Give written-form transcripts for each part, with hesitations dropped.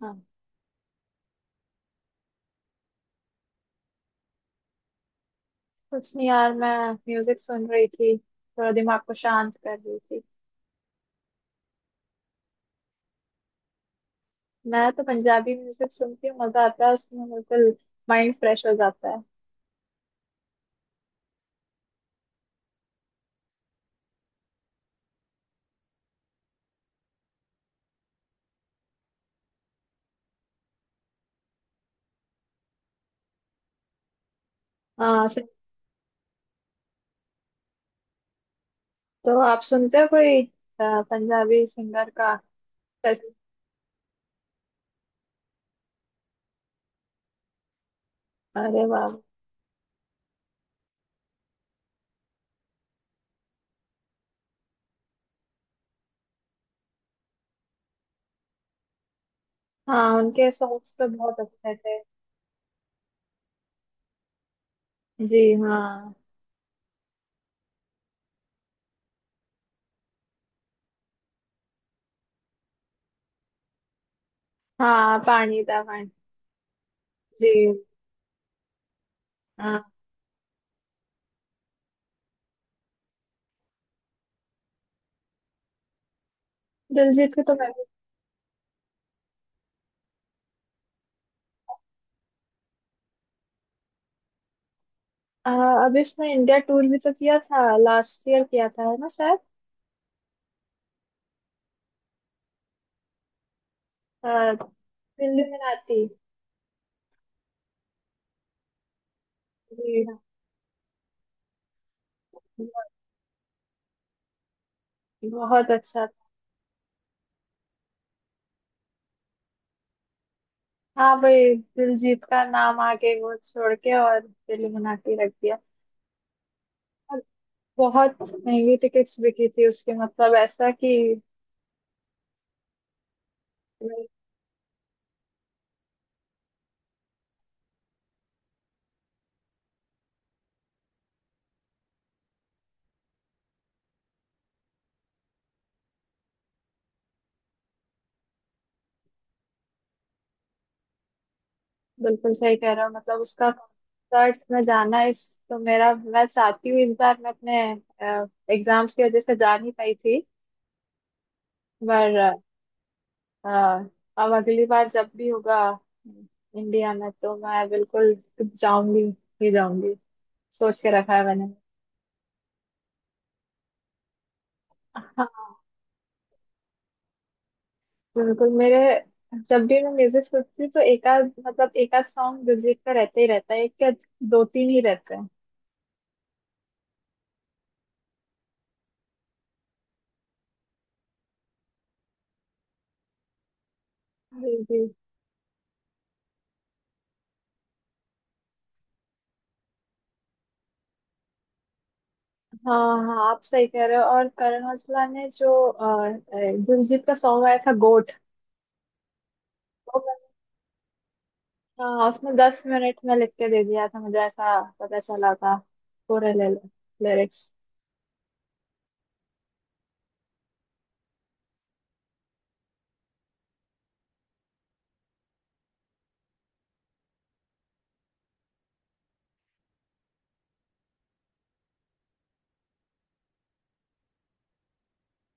हाँ। कुछ नहीं यार, मैं म्यूजिक सुन रही थी, थोड़ा दिमाग को शांत कर रही थी। मैं तो पंजाबी म्यूजिक सुनती हूँ, मजा आता है उसमें बिल्कुल। माइंड फ्रेश हो जाता है। हाँ सर। तो आप सुनते हो कोई पंजाबी सिंगर का? जैसे- अरे वाह। हाँ, उनके सॉन्ग्स तो बहुत अच्छे थे। जी हाँ। हाँ, पानी दा पानी। जी। हाँ दिलजीत के तो मैं भी- अ, अभी उसने इंडिया टूर भी तो किया था, लास्ट ईयर किया था, है ना शायद। अ, दिल्ली में रहती। बहुत अच्छा था। हाँ भाई। दिलजीत का नाम आगे वो छोड़ के और दिल बना के रख दिया। और बहुत महंगी टिकट्स बिकी थी उसकी, मतलब ऐसा कि मैं बिल्कुल सही कह रहा हूँ, मतलब उसका कंसर्ट में जाना इस। तो मेरा मैं चाहती हूँ इस बार मैं अपने एग्जाम्स की वजह से जा नहीं पाई थी। पर अ, अब अगली बार जब भी होगा इंडिया में, तो मैं बिल्कुल जाऊंगी ही जाऊंगी। सोच के रखा है मैंने। बिल्कुल मेरे, जब भी मैं म्यूजिक सुनती हूँ तो एक आध मतलब एक आध सॉन्ग दिलजीत का रहता ही रहता है, एक या दो तीन ही रहते हैं। जी जी। हाँ हाँ, आप सही कह रहे हो। और करण औजला ने जो दिलजीत का सॉन्ग आया था, गोट। वो मैंने- हाँ, उसमें 10 मिनट में लिख के दे दिया था, मुझे ऐसा पता चला था। पूरे ले लिरिक्स।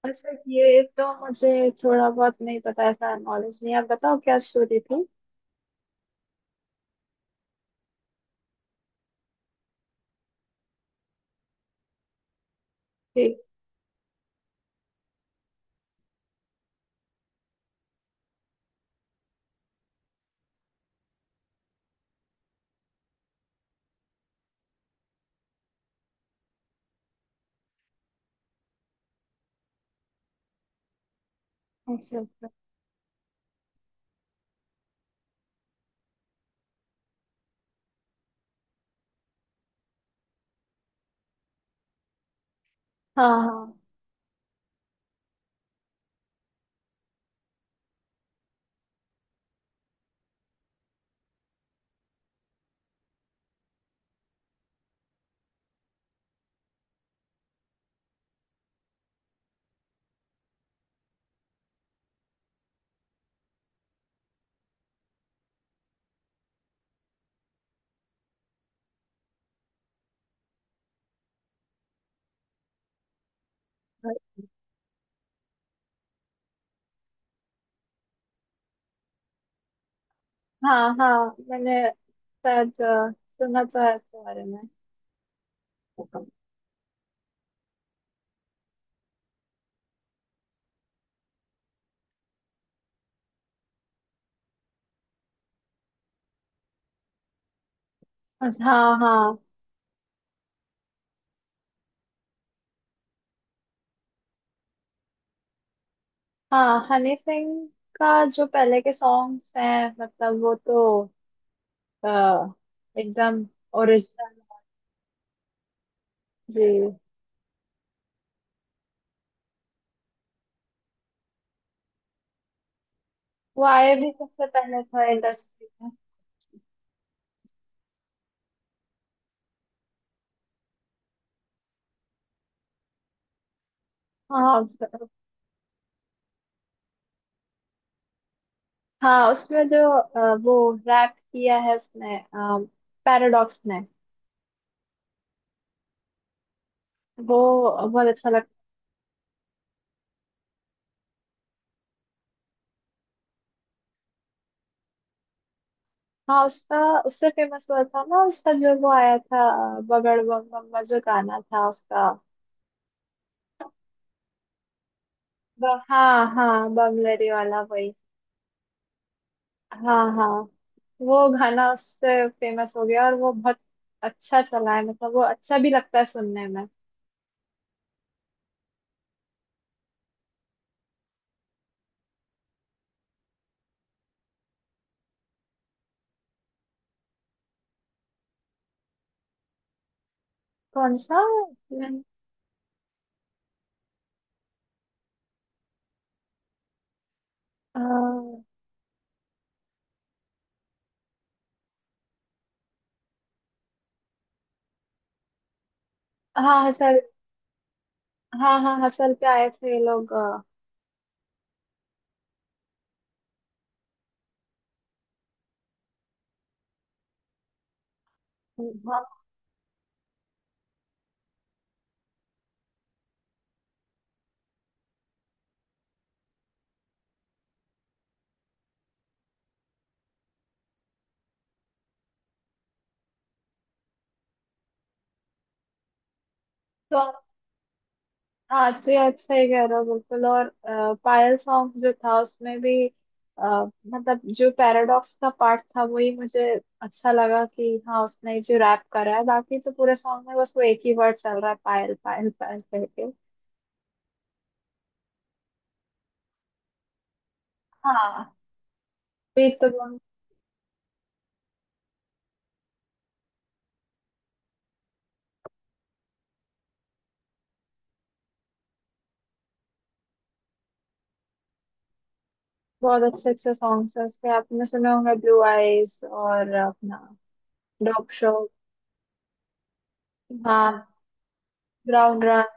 अच्छा, ये तो मुझे थोड़ा बहुत नहीं पता, ऐसा नॉलेज नहीं है। आप बताओ क्या स्टोरी थी? जी। अच्छा अच्छा। हाँ हाँ। हाँ हाँ मैंने शायद सुना तो है इसके बारे में। हाँ हाँ। हाँ, हनी सिंह का जो पहले के सॉन्ग्स हैं, मतलब वो तो अ, एकदम ओरिजिनल। जी। वो आए भी सबसे पहले था इंडस्ट्री में। हाँ हाँ, उसमें जो वो रैप किया है उसने, पैराडॉक्स ने। वो बहुत अच्छा। हाँ, उसका उससे फेमस हुआ था ना, उसका जो वो आया था बगड़ बम बम्बा जो गाना था उसका। हाँ हाँ, बमलरी वाला वही। हाँ हाँ। वो गाना उससे फेमस हो गया और वो बहुत अच्छा चला है, मतलब वो अच्छा भी लगता है सुनने में। कौन सा? मैंने- अ, हाँ हसल। हाँ हाँ, हसल पे आए थे ये लोग। हाँ। तो हाँ, तो ये आप सही कह रहे हो बिल्कुल। और पायल सॉन्ग जो था उसमें भी अ, मतलब जो पैराडॉक्स का पार्ट था वही मुझे अच्छा लगा कि हाँ, उसने जो रैप करा है। बाकी तो पूरे सॉन्ग में बस वो एक ही वर्ड चल रहा है पायल पायल पायल करके। हाँ बीट तो बहुत। बहुत अच्छे अच्छे सॉन्ग्स हैं उसके, आपने सुने होंगे, ब्लू आईज और अपना डॉग शो। हाँ। ब्राउन रंग।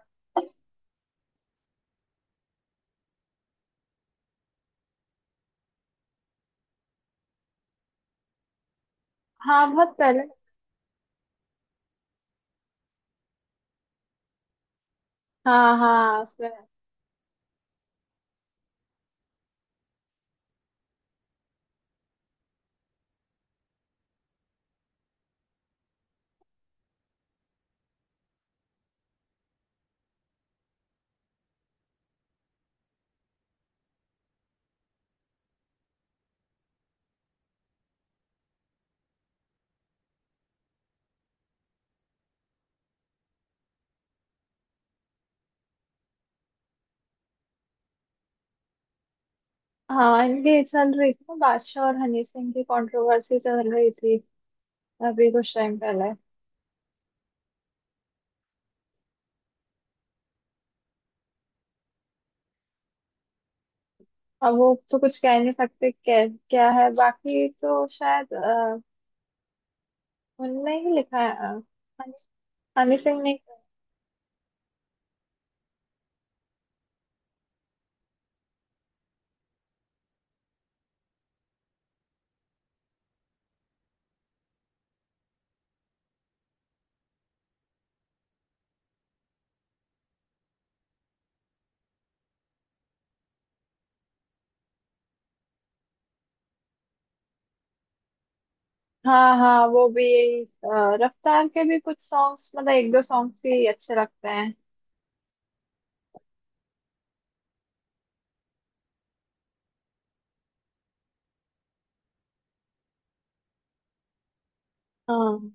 हाँ बहुत पहले। हाँ हाँ उसमें। हाँ, इनकी चल रही थी ना, बादशाह और हनी सिंह की कंट्रोवर्सी चल रही थी अभी कुछ टाइम पहले। अब वो तो कुछ कह नहीं सकते क्या क्या है, बाकी तो शायद उनने ही लिखा है, हनी हनी सिंह ने। हाँ हाँ, वो भी यही रफ्तार के भी कुछ सॉन्ग्स, मतलब एक दो सॉन्ग्स ही अच्छे लगते हैं। हाँ,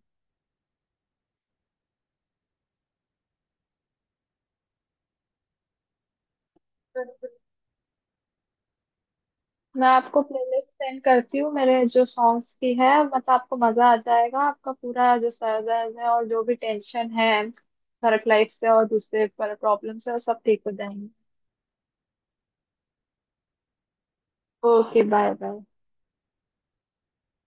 मैं आपको प्लेलिस्ट सेंड करती हूँ मेरे जो सॉन्ग्स की है, मतलब आपको मजा आ जाएगा, आपका पूरा जो सर दर्द है और जो भी टेंशन है वर्क लाइफ से और दूसरे पर प्रॉब्लम से वो सब ठीक हो जाएंगे। Okay bye bye.